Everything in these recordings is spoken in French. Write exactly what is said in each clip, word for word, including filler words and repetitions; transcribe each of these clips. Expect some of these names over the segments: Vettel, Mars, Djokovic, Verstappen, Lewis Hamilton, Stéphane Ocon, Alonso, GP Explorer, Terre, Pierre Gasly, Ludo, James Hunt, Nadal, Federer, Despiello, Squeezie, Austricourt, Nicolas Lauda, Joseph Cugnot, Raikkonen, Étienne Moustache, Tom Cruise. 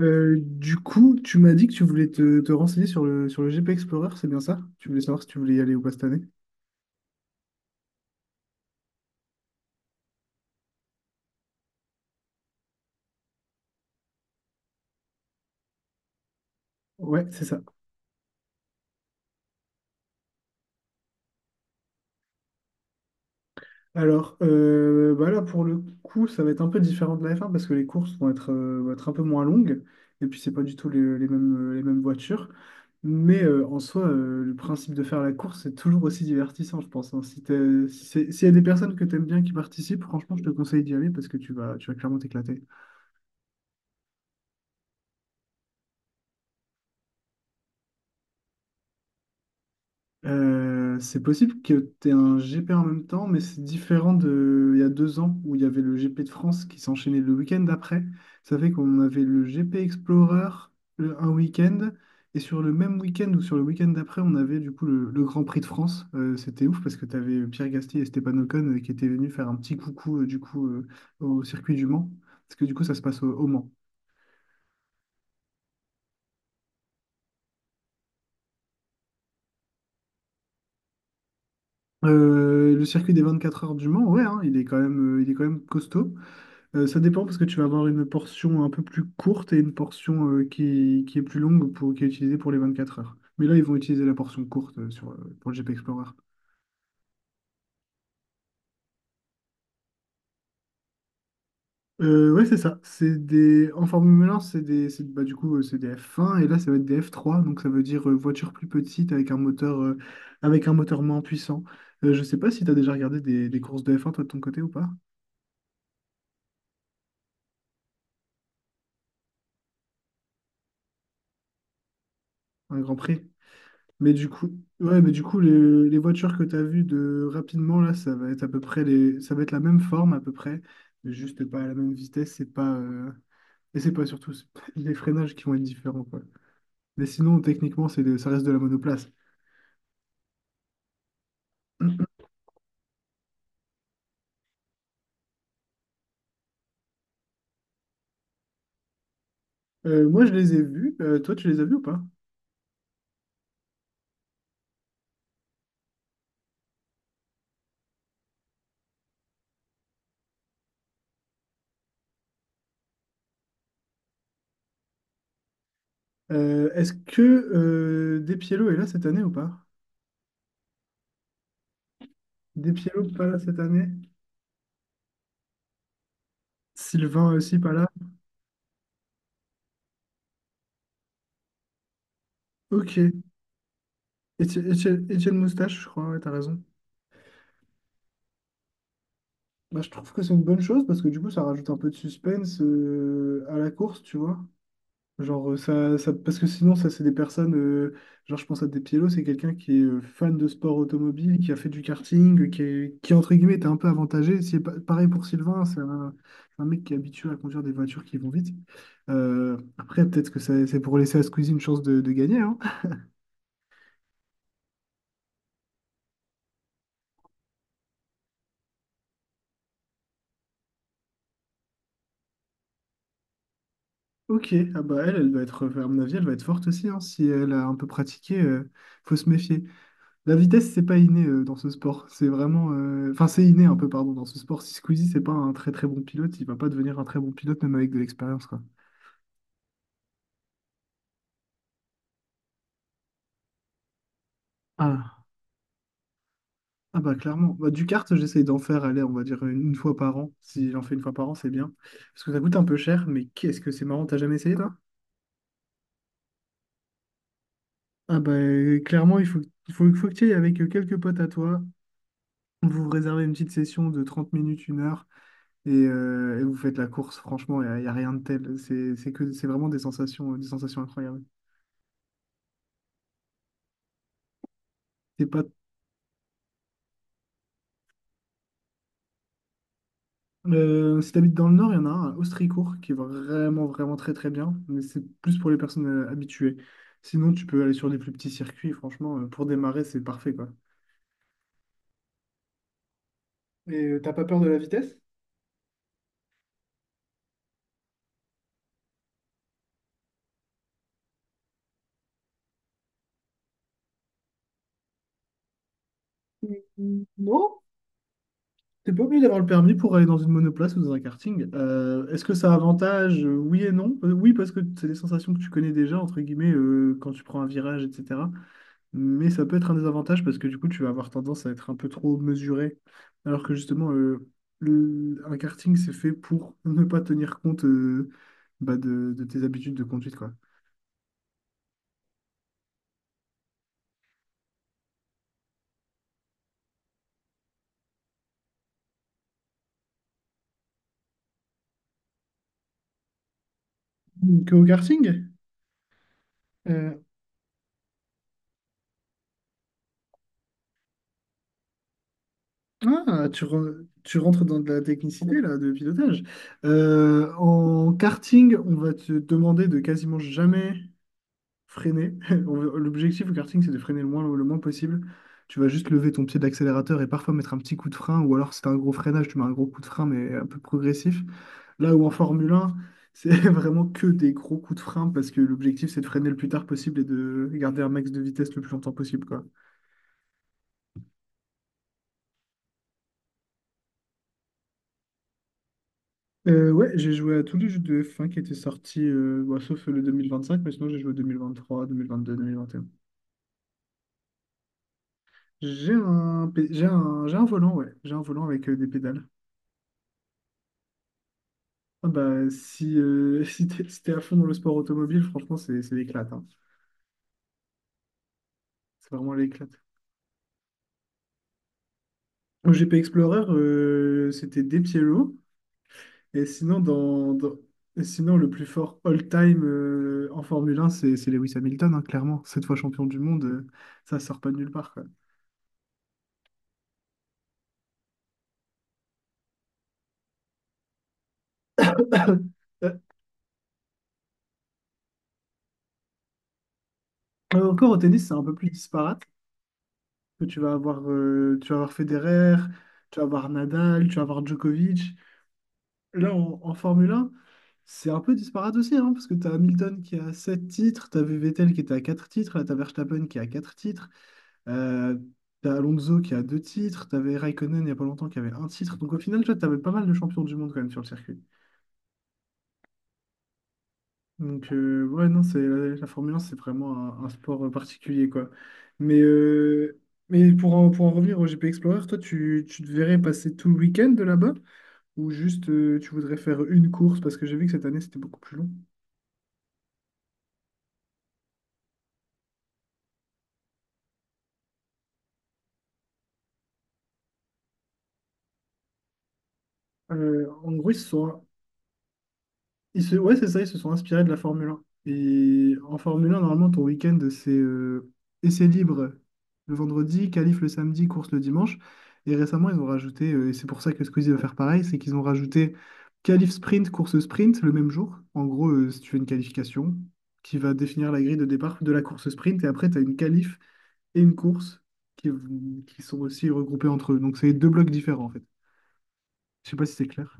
Euh, du coup, tu m'as dit que tu voulais te, te renseigner sur le, sur le G P Explorer, c'est bien ça? Tu voulais savoir si tu voulais y aller ou pas cette année? Ouais, c'est ça. Alors, euh, bah là, pour le coup, ça va être un peu différent de la F un parce que les courses vont être, euh, vont être un peu moins longues, et puis c'est pas du tout les, les mêmes, les mêmes voitures. Mais euh, en soi, euh, le principe de faire la course, c'est toujours aussi divertissant, je pense, hein. Si t'es- si c'est- S'il y a des personnes que tu aimes bien qui participent, franchement, je te conseille d'y aller parce que tu vas, tu vas clairement t'éclater. Euh, c'est possible que tu aies un G P en même temps, mais c'est différent de il y a deux ans où il y avait le G P de France qui s'enchaînait le week-end d'après. Ça fait qu'on avait le G P Explorer le- un week-end, et sur le même week-end ou sur le week-end d'après, on avait du coup le, le Grand Prix de France. Euh, c'était ouf parce que tu avais Pierre Gasly et Stéphane Ocon, euh, qui étaient venus faire un petit coucou, euh, du coup, euh, au circuit du Mans, parce que du coup ça se passe au, au Mans. Euh, le circuit des vingt-quatre heures du Mans, ouais, hein, il est quand même, euh, il est quand même costaud. Euh, ça dépend parce que tu vas avoir une portion un peu plus courte et une portion, euh, qui, qui est plus longue pour, qui est utilisée pour les vingt-quatre heures. Mais là, ils vont utiliser la portion courte, euh, sur, euh, pour le G P Explorer. Euh, ouais, c'est ça. C'est des... En Formule un, c'est des... c'est- bah, du coup, euh, c'est des F un et là, ça va être des F trois. Donc, ça veut dire, euh, voiture plus petite avec un moteur, euh, avec un moteur moins puissant. Euh, je sais pas si tu as déjà regardé des, des courses de F un, toi, de ton côté ou pas? Un Grand Prix? Mais du coup, ouais, mais du coup, les, les voitures que tu as vues de rapidement, là, ça va être à peu près les, ça va être la même forme à peu près, mais juste pas à la même vitesse, c'est pas, euh, et c'est pas surtout c'est pas les freinages qui vont être différents, quoi. Mais sinon, techniquement, c'est de- ça reste de la monoplace. Euh, moi, je les ai vus. Euh, toi, tu les as vus ou pas? Euh, est-ce que, euh, Despiello est là cette année ou pas? Despiello pas là cette année? Sylvain aussi pas là? Ok. Éti- Éti- Étienne Moustache, je crois, ouais, t'as raison. Bah, je trouve que c'est une bonne chose parce que du coup, ça rajoute un peu de suspense, euh, à la course, tu vois. Genre, euh, ça, ça, parce que sinon, ça, c'est des personnes. euh, genre, je pense à Depiello, c'est quelqu'un qui est, euh, fan de sport automobile, qui a fait du karting, euh, qui, est- qui, entre guillemets, était un peu avantagé. C'est pa- pareil pour Sylvain, c'est un, un mec qui est habitué à conduire des voitures qui vont vite. Euh, après, peut-être que ça- c'est pour laisser à Squeezie une chance de, de gagner, hein. Ok, ah bah elle, elle va être, à mon avis, elle va être forte aussi, hein, si elle a un peu pratiqué, euh, faut se méfier. La vitesse, c'est pas inné, euh, dans ce sport. C'est vraiment. euh, Enfin, c'est inné un peu, pardon, dans ce sport. Si Squeezie, c'est pas un très très bon pilote, il va pas devenir un très bon pilote, même avec de l'expérience, quoi. Ah. Ah bah clairement. Bah, du kart, j'essaye d'en faire, allez, on va dire une, une fois par an. Si j'en fais une fois par an, c'est bien. Parce que ça coûte un peu cher, mais qu'est-ce que c'est marrant, t'as jamais essayé, toi? Ah bah, euh, clairement, il faut, il faut, faut que tu y ailles avec, euh, quelques potes à toi. Vous vous réservez une petite session de trente minutes, une heure, et, euh, et vous faites la course. Franchement, il n'y a, y a rien de tel. C'est c'est que, c'est vraiment des sensations, euh, des sensations incroyables. C'est pas. Euh, si t'habites dans le nord, il y en a un à Austricourt qui est vraiment, vraiment très, très bien, mais c'est plus pour les personnes, euh, habituées. Sinon, tu peux aller sur des plus petits circuits, franchement, euh, pour démarrer, c'est parfait, quoi. Et, euh, t'as pas peur de la vitesse? Mm, non. T'es pas obligé d'avoir le permis pour aller dans une monoplace ou dans un karting. Euh, est-ce que ça a avantage? Euh, Oui et non. Euh, oui, parce que c'est des sensations que tu connais déjà, entre guillemets, euh, quand tu prends un virage, et cetera. Mais ça peut être un désavantage parce que du coup, tu vas avoir tendance à être un peu trop mesuré. Alors que justement, euh, le- un karting, c'est fait pour ne pas tenir compte, euh, bah, de, de tes habitudes de conduite, quoi. Que au karting? Euh, ah, tu, re- tu rentres dans de la technicité là, de pilotage. Euh, en karting, on va te demander de quasiment jamais freiner. L'objectif au karting, c'est de freiner le moins, le moins possible. Tu vas juste lever ton pied d'accélérateur et parfois mettre un petit coup de frein, ou alors si t'as un gros freinage, tu mets un gros coup de frein, mais un peu progressif. Là où en Formule un, c'est vraiment que des gros coups de frein parce que l'objectif, c'est de freiner le plus tard possible et de garder un max de vitesse le plus longtemps possible, quoi. Euh, ouais, j'ai joué à tous les jeux de f un qui étaient sortis, euh, bon, sauf le cinq. Mais sinon j'ai joué à deux mille vingt-trois, deux mille vingt-deux, un. J'ai un, pé- j'ai un, j'ai un volant, ouais, j'ai un volant avec, euh, des pédales. Ah bah, si euh, si t'es si t'es à fond dans le sport automobile, franchement, c'est c'est l'éclate, hein. C'est vraiment l'éclate. Au G P Explorer, euh, c'était De Piero. Et sinon, dans, dans- et sinon, le plus fort all-time, euh, en Formule un, c'est c'est Lewis Hamilton, hein, clairement. Cette fois champion du monde, euh, ça sort pas de nulle part, quoi. Euh, euh, Encore au tennis, c'est un peu plus disparate. Que tu vas avoir, euh, tu vas avoir Federer, tu vas avoir Nadal, tu vas avoir Djokovic. Là, en, en Formule un, c'est un peu disparate aussi, hein, parce que tu as Hamilton qui a sept titres, tu avais Vettel qui était à quatre titres, là, tu as Verstappen qui a quatre titres, euh, tu as Alonso qui a deux titres, tu avais Raikkonen il n'y a pas longtemps qui avait un titre. Donc au final, tu avais pas mal de champions du monde quand même sur le circuit. Donc, euh, ouais, non, c'est, la, la Formule un, c'est vraiment un, un sport, euh, particulier, quoi. Mais, euh, mais pour en, pour en revenir au G P Explorer, toi, tu, tu te verrais passer tout le week-end de là-bas? Ou juste, euh, tu voudrais faire une course? Parce que j'ai vu que cette année, c'était beaucoup plus long. Euh, en gros, ils se sont... ils se- ouais, c'est ça, ils se sont inspirés de la Formule un. Et en Formule un, normalement, ton week-end, c'est, euh, essai libre le vendredi, qualif le samedi, course le dimanche. Et récemment, ils ont rajouté, euh, et c'est pour ça que Squeezie va faire pareil, c'est qu'ils ont rajouté qualif sprint, course sprint le même jour. En gros, euh, si tu fais une qualification qui va définir la grille de départ de la course sprint, et après, tu as une qualif et une course qui, qui sont aussi regroupées entre eux. Donc, c'est deux blocs différents, en fait. Je sais pas si c'est clair.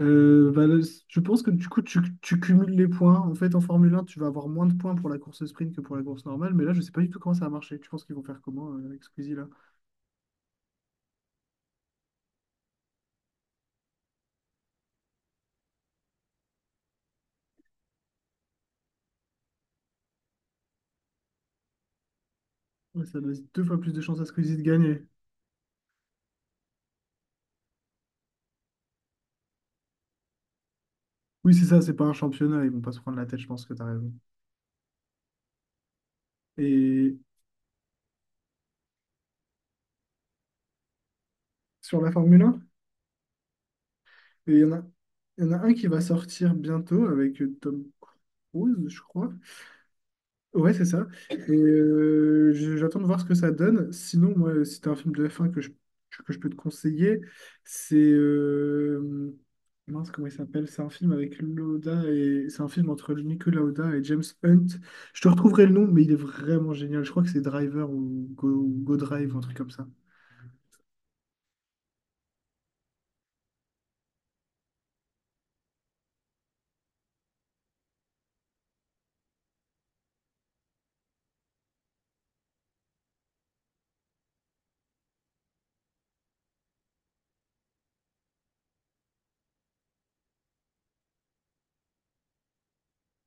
Euh, bah, le- je pense que du coup, tu, tu cumules les points. En fait, en Formule un, tu vas avoir moins de points pour la course sprint que pour la course normale. Mais là, je sais pas du tout comment ça va marcher. Tu penses qu'ils vont faire comment, euh, avec Squeezie là? Ouais, ça laisse deux fois plus de chances à Squeezie de gagner. Oui, c'est ça, c'est pas un championnat. Ils vont pas se prendre la tête, je pense que tu as raison. Et sur la Formule un, il y en a, il y en a un qui va sortir bientôt avec, euh, Tom Cruise, je crois. Ouais, c'est ça. Et euh, je- j'attends de voir ce que ça donne. Sinon, moi, si t'as un film de F un que je, que je peux te conseiller, c'est, euh, mince, comment il s'appelle? C'est un film avec Lauda et c'est un film entre Nicolas Lauda et James Hunt. Je te retrouverai le nom, mais il est vraiment génial. Je crois que c'est Driver ou Go, ou Go Drive, un truc comme ça.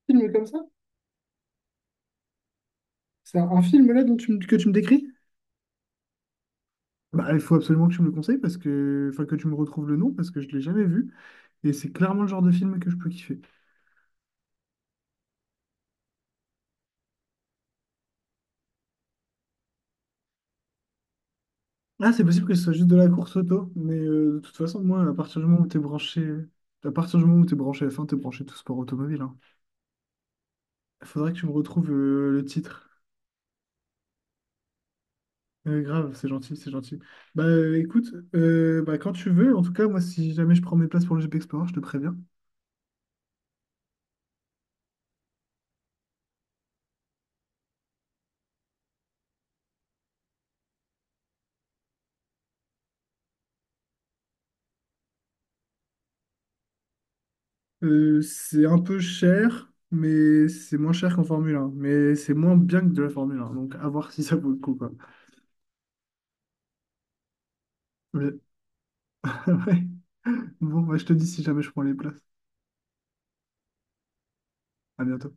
Film comme ça? C'est un, un film là dont tu, me- que tu me décris? Bah, il faut absolument que tu me le conseilles parce que... Enfin, que tu me retrouves le nom parce que je l'ai jamais vu. Et c'est clairement le genre de film que je peux kiffer. Ah, c'est possible que ce soit juste de la course auto, mais euh, de toute façon, moi, à partir du moment où t'es branché, à partir du moment où t'es branché F un, t'es branché tout sport automobile, hein. Faudrait que tu me retrouves, euh, le titre. Euh, grave, c'est gentil, c'est gentil. Bah, euh, écoute, euh, bah, quand tu veux, en tout cas, moi, si jamais je prends mes places pour le G P Explorer, je te préviens. Euh, c'est un peu cher, mais c'est moins cher qu'en Formule un, mais c'est moins bien que de la Formule un, donc à voir si ça vaut le coup, quoi. Mais- ouais. Bon, bah, je te dis si jamais je prends les places. À bientôt.